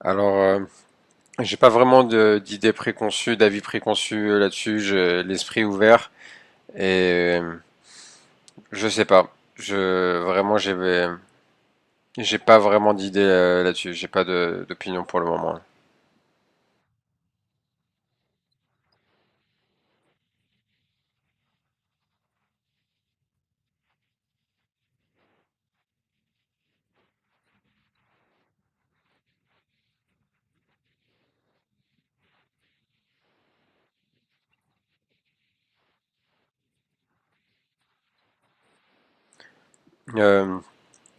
Alors, euh, j'ai pas vraiment d'idées préconçues, d'avis préconçus là-dessus. J'ai l'esprit ouvert et je sais pas. Je Vraiment, j'ai pas vraiment d'idées là-dessus. J'ai pas d'opinion pour le moment. Euh,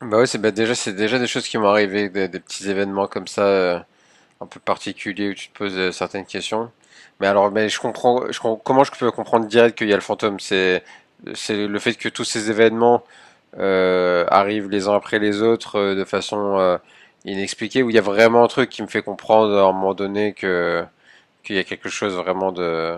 bah ouais, c'est déjà des choses qui m'ont arrivé, des petits événements comme ça, un peu particuliers où tu te poses certaines questions. Mais alors, mais je comprends, je com- comment je peux comprendre direct qu'il y a le fantôme? C'est le fait que tous ces événements arrivent les uns après les autres de façon inexpliquée, où il y a vraiment un truc qui me fait comprendre à un moment donné que qu'il y a quelque chose vraiment de...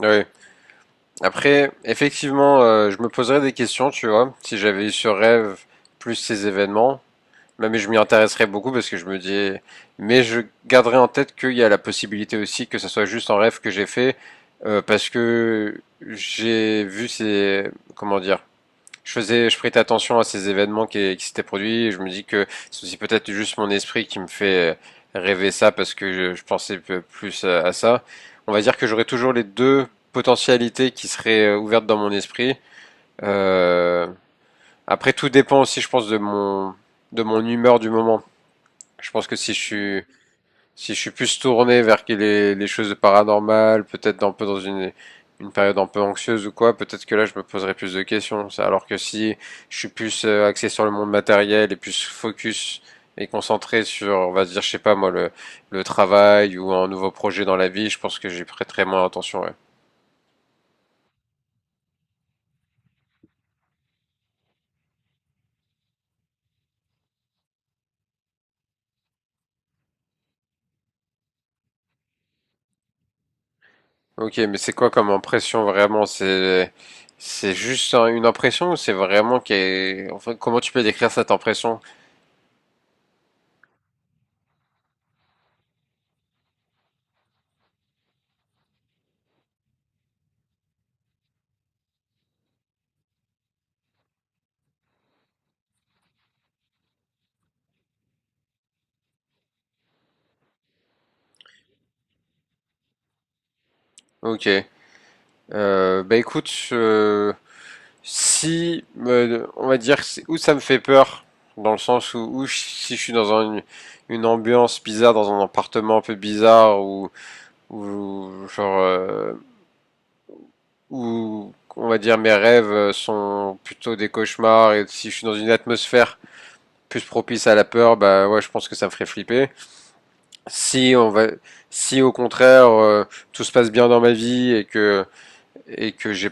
Oui. Après, effectivement, je me poserais des questions, tu vois, si j'avais eu ce rêve plus ces événements. Mais je m'y intéresserais beaucoup parce que je me dis... Mais je garderai en tête qu'il y a la possibilité aussi que ça soit juste un rêve que j'ai fait parce que j'ai vu ces... Comment dire? Je prêtais attention à ces événements qui s'étaient produits. Et je me dis que c'est aussi peut-être juste mon esprit qui me fait rêver ça parce que je pensais plus à ça. On va dire que j'aurais toujours les deux potentialités qui seraient ouvertes dans mon esprit. Euh, après, tout dépend aussi, je pense, de mon humeur du moment. Je pense que si je suis plus tourné vers les choses de paranormal, peut-être un peu dans une période un peu anxieuse ou quoi, peut-être que là je me poserais plus de questions. Alors que si je suis plus axé sur le monde matériel et plus focus et concentré sur, on va dire, je sais pas moi, le travail ou un nouveau projet dans la vie, je pense que j'y prêterais moins attention. Ouais. Ok, mais c'est quoi comme impression vraiment? C'est juste une impression ou c'est vraiment qu'est... Enfin, comment tu peux décrire cette impression? Ok. Bah écoute, si, on va dire, où ça me fait peur, dans le sens où, où si je suis dans une ambiance bizarre, dans un appartement un peu bizarre, ou genre, où, on va dire, mes rêves sont plutôt des cauchemars, et si je suis dans une atmosphère plus propice à la peur, bah ouais, je pense que ça me ferait flipper. Si on va, Si au contraire, tout se passe bien dans ma vie et que j'ai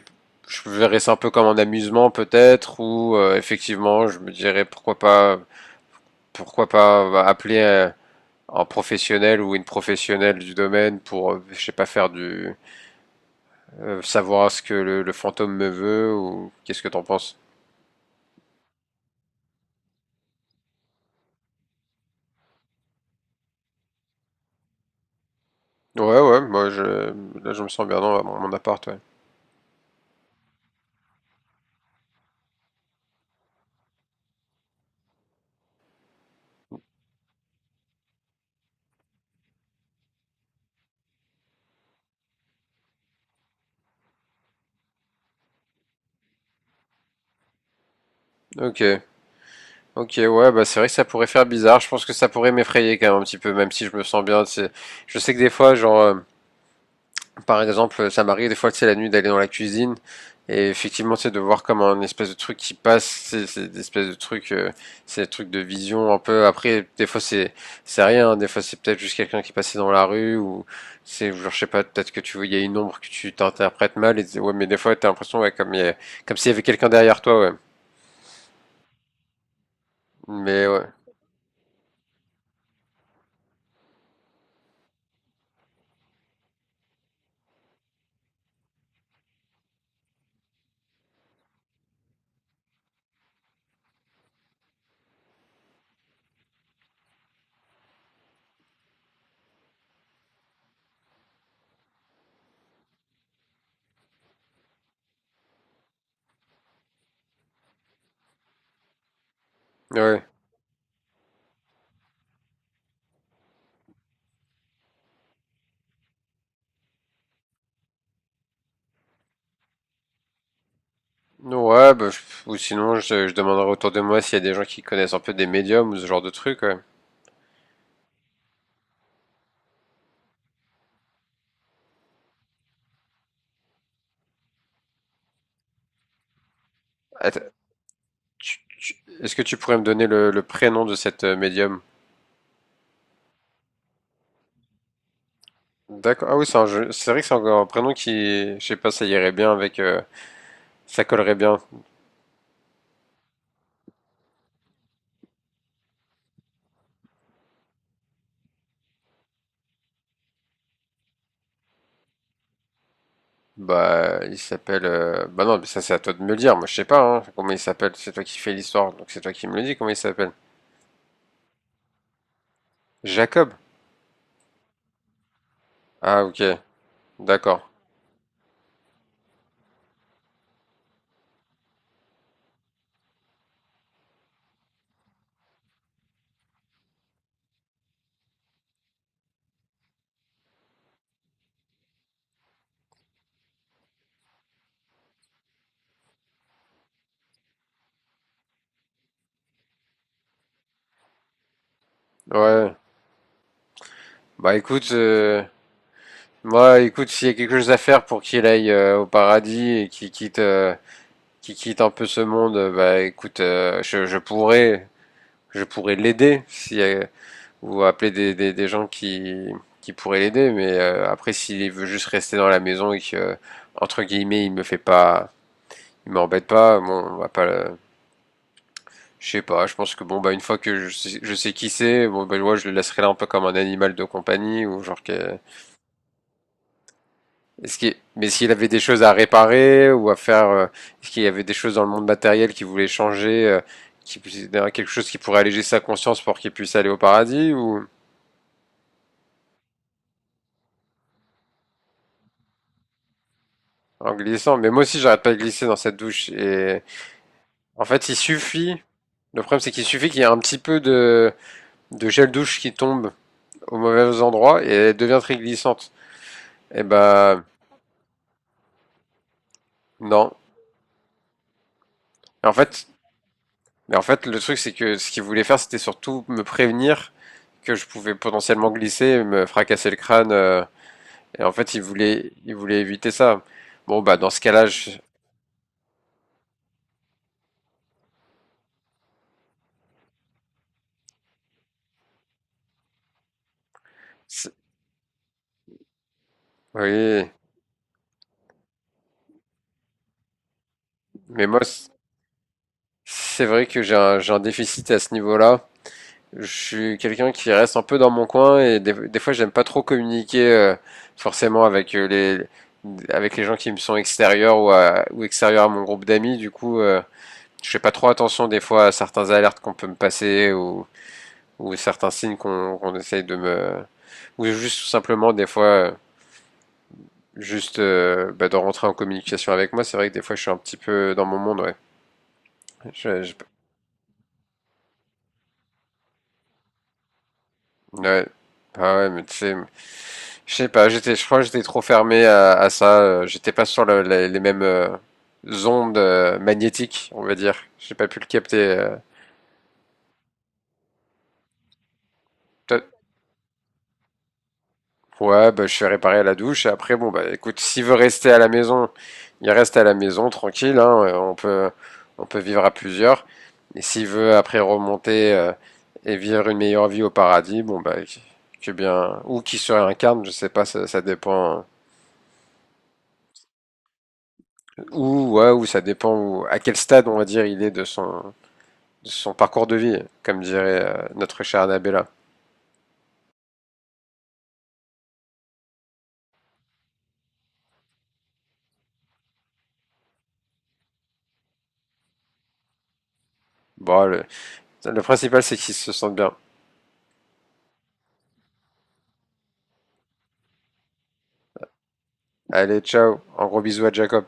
je verrais ça un peu comme un amusement peut-être ou effectivement je me dirais pourquoi pas bah, appeler un professionnel ou une professionnelle du domaine pour je sais pas faire du savoir ce que le fantôme me veut ou qu'est-ce que t'en penses? Ouais, ouais, moi je me sens bien dans mon appart, ouais. Ok. Ok, ouais, bah c'est vrai que ça pourrait faire bizarre. Je pense que ça pourrait m'effrayer quand même un petit peu, même si je me sens bien. C'est Je sais que des fois, genre, par exemple, ça m'arrive des fois, tu sais, la nuit d'aller dans la cuisine et effectivement, tu sais, de voir comme un espèce de truc qui passe, tu c'est des espèces de trucs, c'est des trucs de vision un peu. Après, des fois, c'est rien, hein, des fois, c'est peut-être juste quelqu'un qui passait dans la rue ou c'est, genre, je sais pas, peut-être que tu vois, il y a une ombre que tu t'interprètes mal et tu dis, ouais, mais des fois, t'as l'impression, ouais, comme s'il y avait quelqu'un derrière toi, ouais. Mais ouais, ouais. Non, ouais, ou sinon, je demanderai autour de moi s'il y a des gens qui connaissent un peu des médiums ou ce genre de trucs, ouais. Ah, Tu- tu- est-ce que tu pourrais me donner le prénom de cette médium? D'accord. Ah oui, c'est un jeu. C'est vrai que c'est encore un prénom qui, je sais pas, ça irait bien avec, ça collerait bien. Bah, il s'appelle. Bah non, mais ça c'est à toi de me le dire. Moi, je sais pas. Hein, comment il s'appelle? C'est toi qui fais l'histoire, donc c'est toi qui me le dis. Comment il s'appelle? Jacob. Ah, ok. D'accord. Ouais. Bah écoute, moi, écoute, s'il y a quelque chose à faire pour qu'il aille au paradis et qu'il quitte un peu ce monde, bah écoute, je pourrais l'aider si vous appelez des gens qui pourraient l'aider, mais après s'il veut juste rester dans la maison et que entre guillemets il m'embête pas, bon on va pas, le- je sais pas, je pense que bon bah une fois que je sais qui c'est, bon bah ouais, je le laisserai là un peu comme un animal de compagnie ou genre que, est-ce qu'il, mais s'il avait des choses à réparer ou à faire, est-ce qu'il y avait des choses dans le monde matériel qu'il voulait changer, quelque chose qui pourrait alléger sa conscience pour qu'il puisse aller au paradis ou... En glissant, mais moi aussi j'arrête pas de glisser dans cette douche. Et en fait, il suffit. Le problème, c'est qu'il suffit qu'il y ait un petit peu de gel douche qui tombe au mauvais endroit et elle devient très glissante. Et bah non. Et en fait, en fait, le truc, c'est que ce qu'il voulait faire, c'était surtout me prévenir que je pouvais potentiellement glisser et me fracasser le crâne. Et en fait, il voulait éviter ça. Bon, bah dans ce cas-là, je... c'est- oui. Mais moi, c'est vrai que j'ai un déficit à ce niveau-là. Je suis quelqu'un qui reste un peu dans mon coin et des fois j'aime pas trop communiquer forcément avec les avec les gens qui me sont extérieurs ou, ou extérieurs à mon groupe d'amis. Du coup, je fais pas trop attention des fois à certains alertes qu'on peut me passer ou certains signes qu'on essaye de me... ou juste tout simplement des fois juste bah, de rentrer en communication avec moi. C'est vrai que des fois je suis un petit peu dans mon monde. Ouais, Je- je- ouais. Ah ouais, mais tu sais, je sais pas, je crois que j'étais trop fermé à ça. J'étais pas sur les mêmes ondes magnétiques, on va dire. J'ai pas pu le capter. Toi- Ouais, bah, je suis réparé à la douche. Et après, bon, bah, écoute, s'il veut rester à la maison, il reste à la maison, tranquille, hein, on peut vivre à plusieurs. Et s'il veut après remonter et vivre une meilleure vie au paradis, bon, bah, que bien, ou qui se réincarne, je sais pas, ça dépend. Ou, ouais, ou ça dépend à quel stade, on va dire, il est de son parcours de vie, comme dirait notre chère Annabella. Bon, le principal, c'est qu'il se sente bien. Allez, ciao. Un gros bisou à Jacob.